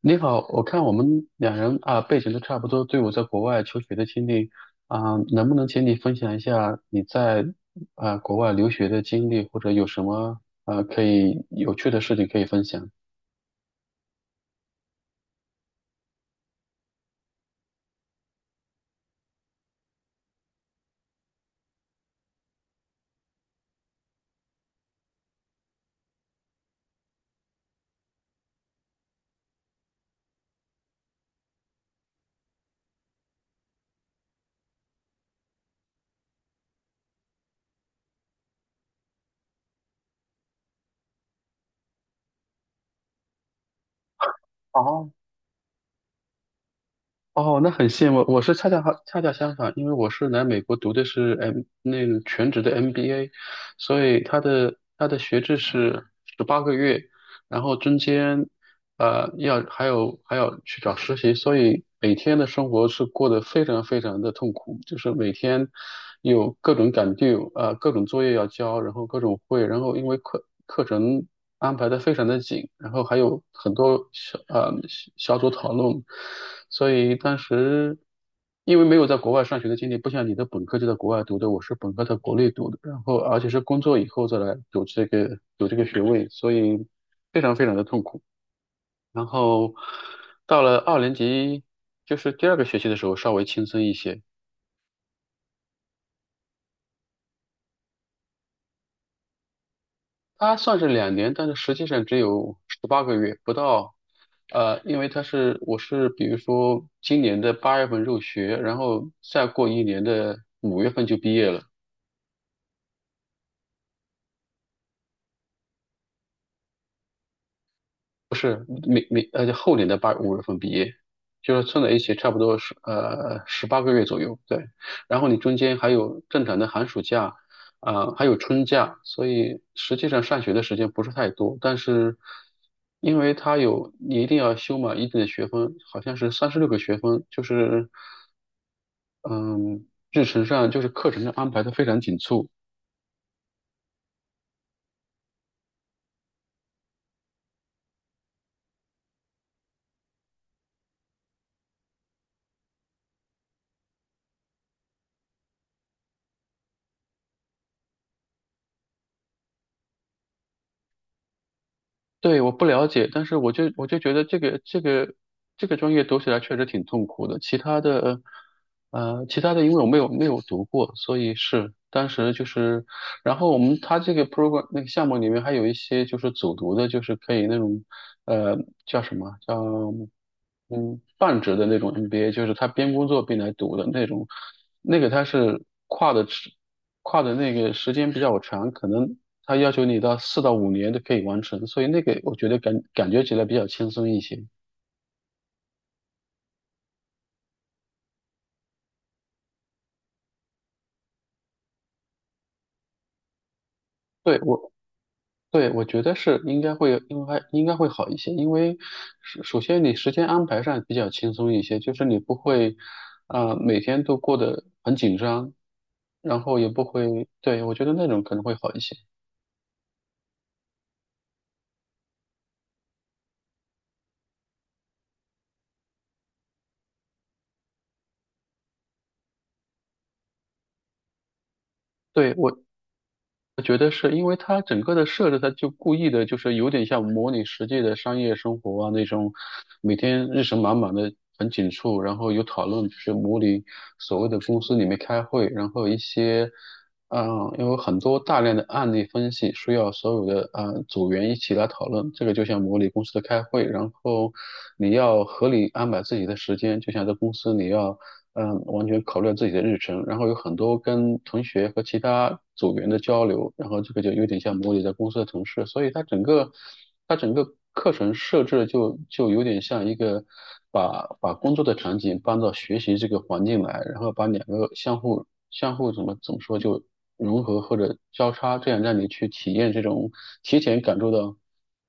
你好，我看我们两人啊背景都差不多，都有在国外求学的经历啊，能不能请你分享一下你在啊国外留学的经历，或者有什么啊可以有趣的事情可以分享？哦，哦，那很羡慕。我是恰恰相反，因为我是来美国读的是 那个全职的 MBA，所以他的学制是十八个月，然后中间呃要还有还要去找实习，所以每天的生活是过得非常非常的痛苦，就是每天有各种赶 due，各种作业要交，然后各种会，然后因为课程安排的非常的紧，然后还有很多小组讨论，所以当时因为没有在国外上学的经历，不像你的本科就在国外读的，我是本科在国内读的，然后而且是工作以后再来读这个有这个学位，所以非常非常的痛苦。然后到了二年级，就是第二个学期的时候稍微轻松一些，它算是2年，但是实际上只有十八个月不到。因为我是比如说今年的8月份入学，然后再过一年的五月份就毕业了。不是明明呃，就后年的八五月份毕业，就是凑在一起差不多是十八个月左右，对。然后你中间还有正常的寒暑假，啊、还有春假，所以实际上上学的时间不是太多。但是因为它有你一定要修满一定的学分，好像是36个学分，就是嗯，日程上就是课程上安排的非常紧凑。对，我不了解，但是我就觉得这个专业读起来确实挺痛苦的。其他的，其他的因为我没有读过，所以是当时就是，然后他这个 program 那个项目里面还有一些就是组读的，就是可以那种，呃，叫什么叫？嗯，半职的那种 MBA，就是他边工作边来读的那种，那个他是跨的那个时间比较长，可能他要求你到4到5年都可以完成，所以那个我觉得感觉起来比较轻松一些。对我，对我觉得是应该会，应该会好一些，因为首先你时间安排上比较轻松一些，就是你不会每天都过得很紧张，然后也不会，对，我觉得那种可能会好一些。对，我觉得是因为它整个的设置，它就故意的，就是有点像模拟实际的商业生活啊那种，每天日程满满的，很紧促，然后有讨论，就是模拟所谓的公司里面开会，然后一些，嗯、因为有很多大量的案例分析需要所有的组员一起来讨论，这个就像模拟公司的开会，然后你要合理安排自己的时间，就像在公司你要。完全考虑了自己的日程，然后有很多跟同学和其他组员的交流，然后这个就有点像模拟在公司的同事，所以它整个课程设置的就有点像一个把工作的场景搬到学习这个环境来，然后把两个相互怎么说就融合或者交叉，这样让你去体验这种提前感受到。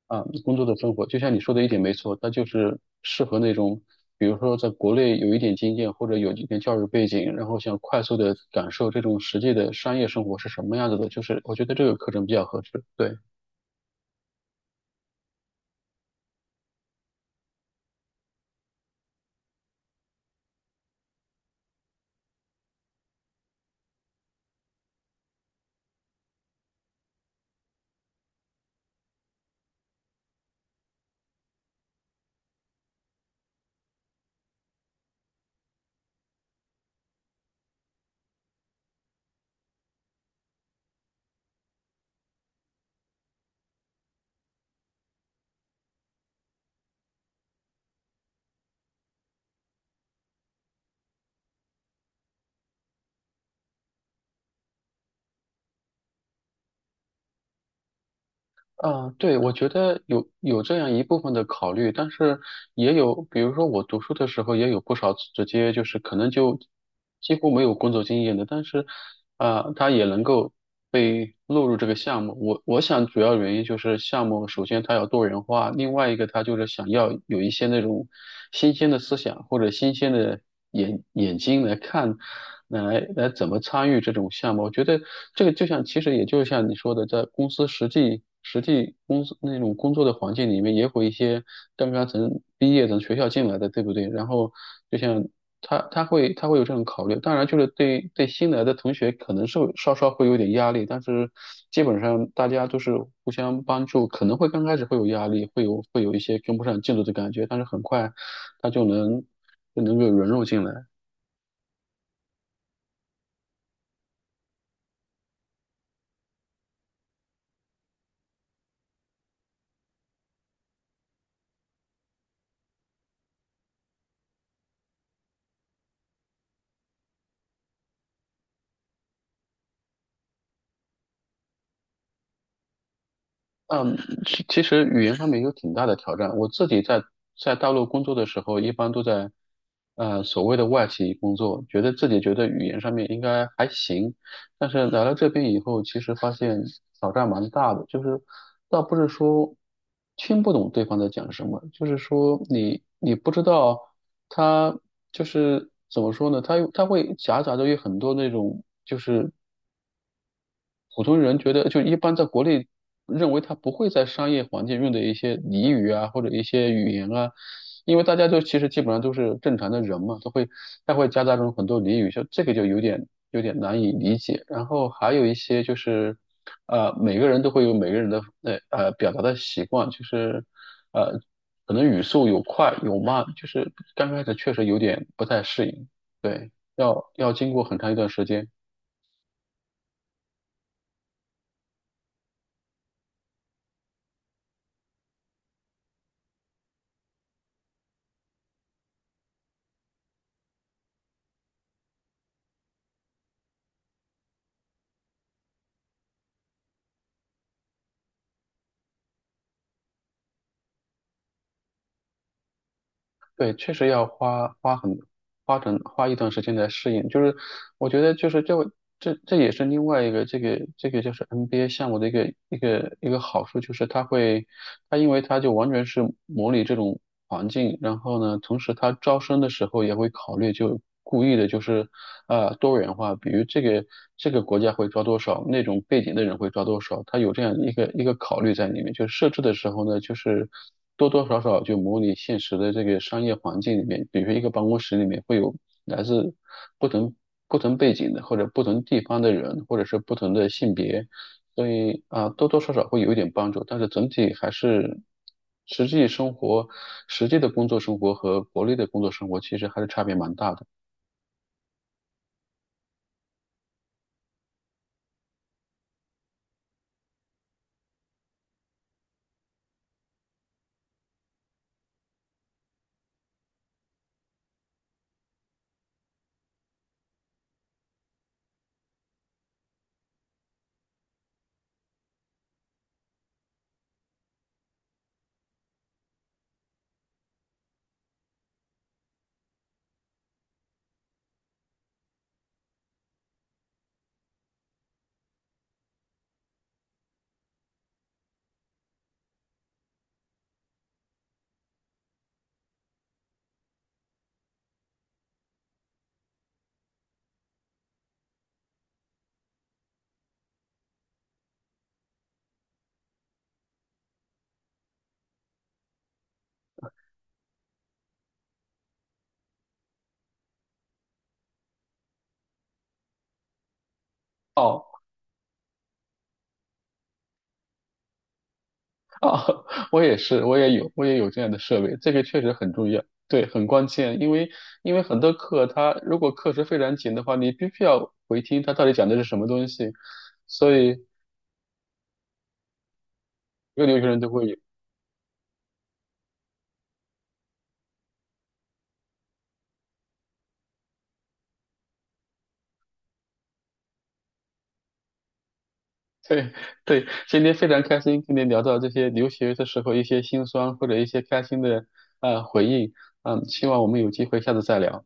啊，工作的生活，就像你说的一点没错，它就是适合那种，比如说在国内有一点经验或者有一点教育背景，然后想快速的感受这种实际的商业生活是什么样子的，就是我觉得这个课程比较合适。对。啊，对，我觉得有这样一部分的考虑，但是也有，比如说我读书的时候也有不少直接就是可能就几乎没有工作经验的，但是他也能够被录入这个项目。我想主要原因就是项目首先它要多元化，另外一个它就是想要有一些那种新鲜的思想或者新鲜的。眼眼睛来看，来怎么参与这种项目。我觉得这个就像，其实也就像你说的，在公司实际公司那种工作的环境里面，也会一些刚刚从毕业从学校进来的，对不对？然后就像他他会他会有这种考虑，当然就是对新来的同学可能是稍稍会有点压力，但是基本上大家都是互相帮助，可能会刚开始会有压力，会有一些跟不上进度的感觉，但是很快他就能够融入进来。嗯，其实语言上面有挺大的挑战。我自己在大陆工作的时候，一般都在所谓的外企工作，觉得自己觉得语言上面应该还行，但是来了这边以后，其实发现挑战蛮大的，就是倒不是说听不懂对方在讲什么，就是说你不知道他就是怎么说呢？他会夹杂着有很多那种普通人觉得，就一般在国内认为他不会在商业环境用的一些俚语啊，或者一些语言啊，因为大家就其实基本上都是正常的人嘛，都会他会夹杂中很多俚语，就这个就有点难以理解。然后还有一些就是，每个人都会有每个人的表达的习惯，就是呃可能语速有快有慢，就是刚开始确实有点不太适应，对，要经过很长一段时间。对，确实要花花很花整花一段时间来适应。就是我觉得就是这也是另外一个这个就是 NBA 项目的一个好处，就是它会它因为它就完全是模拟这种环境，然后呢，同时它招生的时候也会考虑，就故意的就是多元化，比如这个国家会招多少，那种背景的人会招多少，它有这样一个考虑在里面。就设置的时候呢，就是多多少少就模拟现实的这个商业环境里面，比如说一个办公室里面会有来自不同。不同背景的，或者不同地方的人，或者是不同的性别，所以啊，多多少少会有一点帮助，但是整体还是实际生活、实际的工作生活和国内的工作生活其实还是差别蛮大的。哦，哦，我也是，我也有这样的设备，这个确实很重要，对，很关键，因为很多课它如果课时非常紧的话，你必须要回听它到底讲的是什么东西，所以。一个留学生都会有。对对，今天非常开心跟您聊到这些留学的时候一些心酸或者一些开心的回忆，希望我们有机会下次再聊。